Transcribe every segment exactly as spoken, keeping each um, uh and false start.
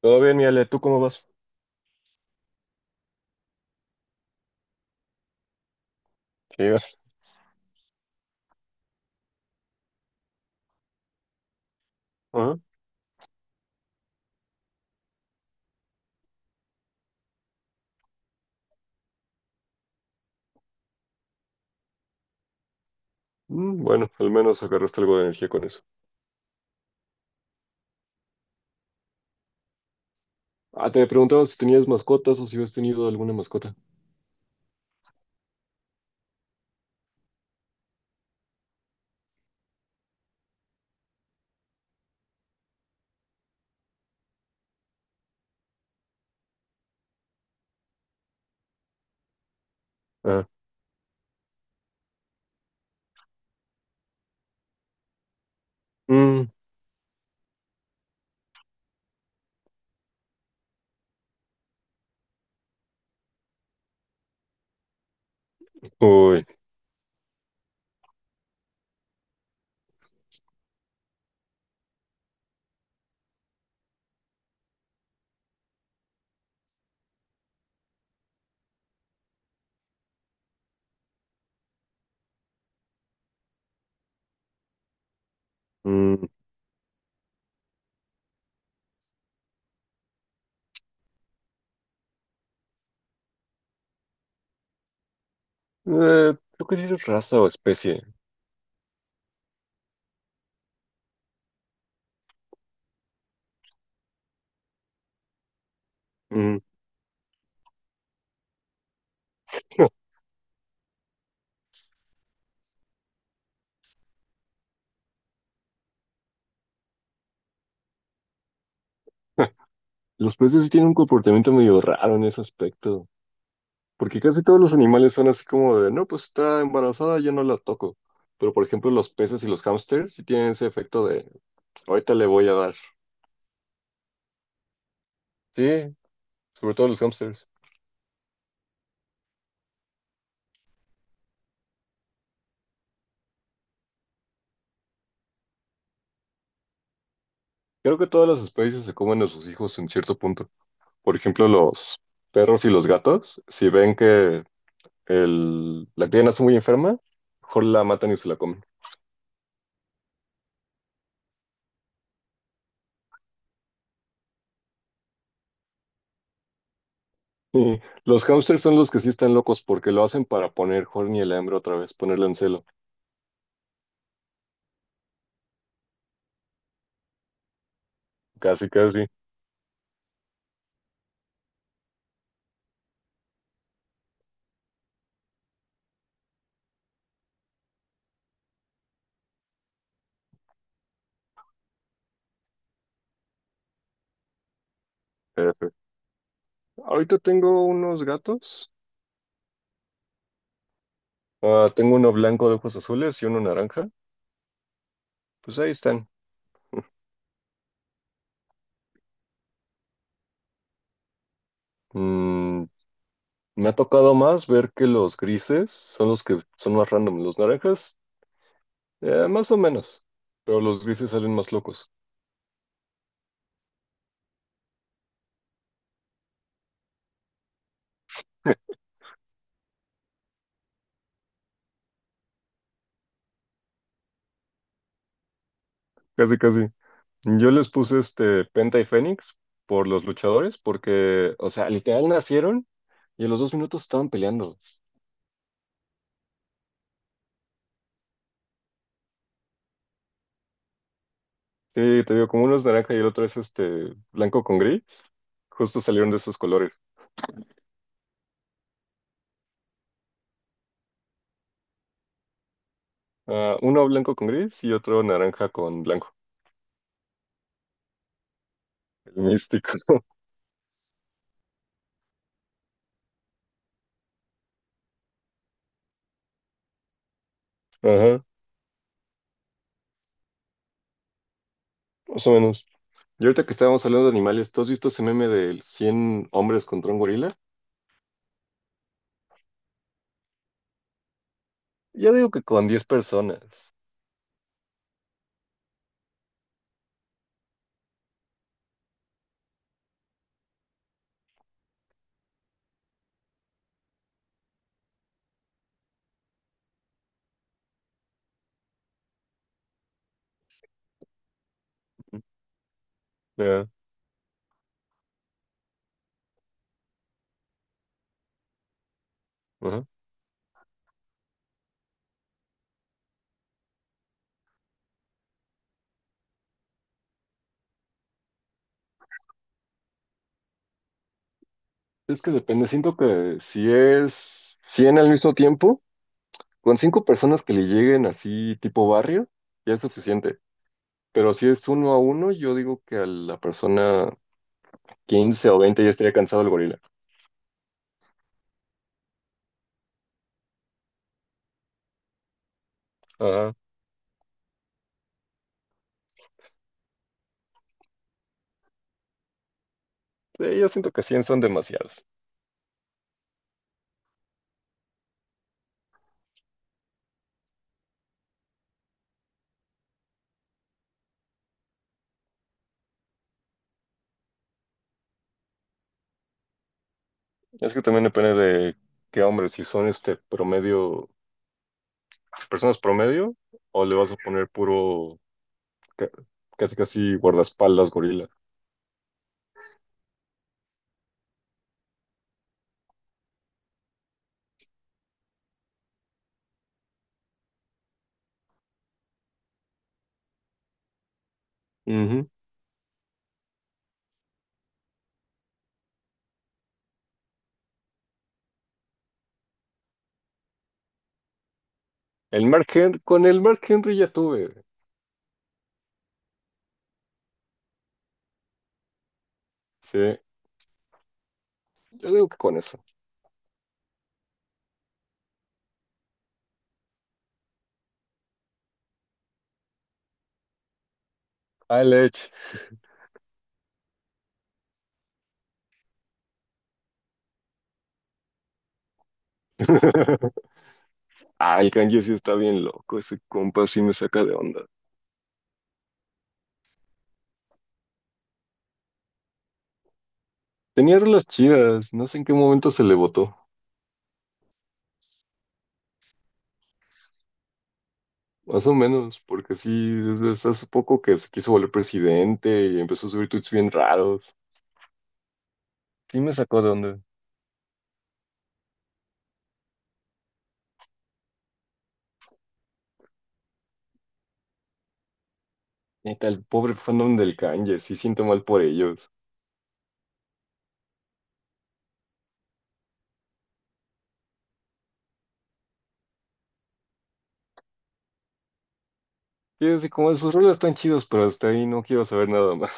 Todo bien, mi Ale, ¿tú cómo vas? ¿Qué Ah, mm, bueno, al menos agarraste algo de energía con eso. Ah, te preguntaba si tenías mascotas o si habías tenido alguna mascota. Ah, mm, uy, mm. Eh, creo que sí es raza o especie. Mm. Los peces sí tienen un comportamiento medio raro en ese aspecto, porque casi todos los animales son así como de, no, pues está embarazada, ya no la toco. Pero por ejemplo, los peces y los hámsters sí tienen ese efecto de, ahorita le voy a dar. Sí, sobre todo los hámsters. Creo que todas las especies se comen a sus hijos en cierto punto. Por ejemplo, los perros y los gatos, si ven que el- la cría nace muy enferma, mejor la matan y se la comen. Y los hámsters son los que sí están locos porque lo hacen para poner Horny el hambre otra vez, ponerle en celo. Casi, casi. F. Ahorita tengo unos gatos. Ah, tengo uno blanco de ojos azules y uno naranja. Pues ahí están. Mm, me ha tocado más ver que los grises son los que son más random. Los naranjas Eh, más o menos, pero los grises salen más locos. Casi, casi. Yo les puse este Penta y Fénix por los luchadores, porque, o sea, literal nacieron y a los dos minutos estaban peleando. Sí, te digo, como uno es naranja y el otro es este blanco con gris, justo salieron de esos colores. Ah, uno blanco con gris y otro naranja con blanco. El místico. Ajá, más o menos. Y ahorita que estábamos hablando de animales, ¿tú has visto ese meme de cien hombres contra un gorila? Ya digo que con diez personas. Ya, ajá. Es que depende, siento que si es cien al mismo tiempo, con cinco personas que le lleguen así tipo barrio, ya es suficiente. Pero si es uno a uno, yo digo que a la persona quince o veinte ya estaría cansado el gorila. Ajá. Sí, yo siento que cien son demasiadas. Es que también depende de qué hombres si son este promedio, personas promedio, o le vas a poner puro, ca- casi casi guardaespaldas gorila. Ujú. El Mark Hen- con el Mark Henry ya tuve. Sí, yo digo que con eso. Al Edge. Ah, el Kanye sí está bien loco, ese compa sí me saca de onda. Tenía las chidas, no sé en qué momento se le votó, más o menos, porque sí, desde hace hace poco que se quiso volver presidente y empezó a subir tweets bien raros. Sí me sacó de onda. Neta, el pobre fandom del Kanye, sí siento mal por ellos. Y es así como sus rolas están chidos, pero hasta ahí no quiero saber nada más.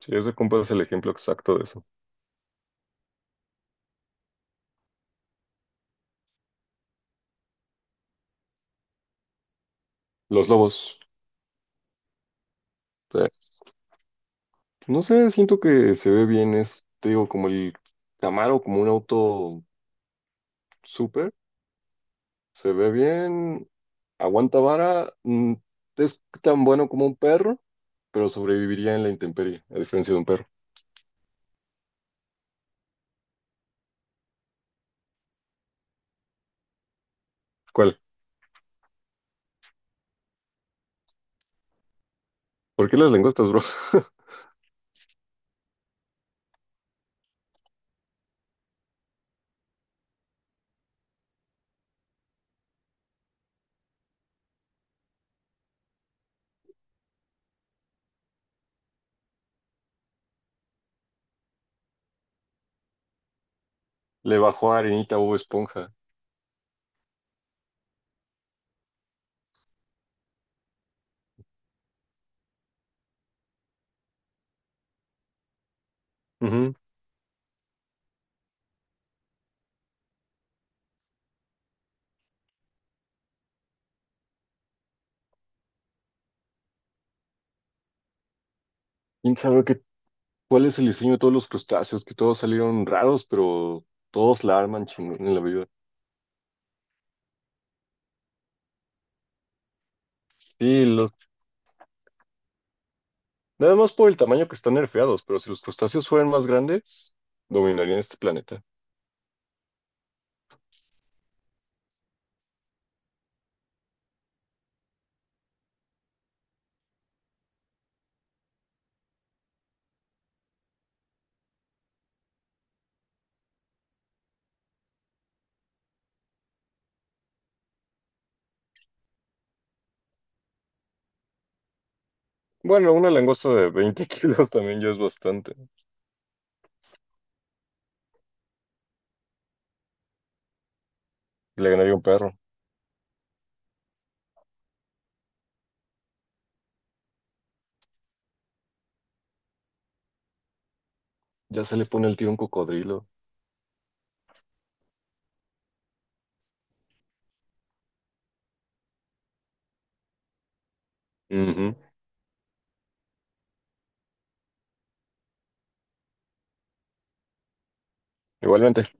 Sí, ese compa es el ejemplo exacto de eso. Los lobos. No sé, siento que se ve bien, es, te digo, como el Camaro, como un auto súper, se ve bien, aguanta vara, mm, es tan bueno como un perro, pero sobreviviría en la intemperie, a diferencia de un perro. ¿Cuál? ¿Por qué las langostas, bro? Le bajó a Arenita Bob Esponja. Ujú. ¿Quién sabe qué, cuál es el diseño de todos los crustáceos? Que todos salieron raros, pero todos la arman chingón en la vida. Sí, nada más por el tamaño que están nerfeados, pero si los crustáceos fueran más grandes, dominarían este planeta. Bueno, una langosta de veinte kilos también ya es bastante. Le ganaría un perro. Ya se le pone el tiro a un cocodrilo. Ujú. Igualmente.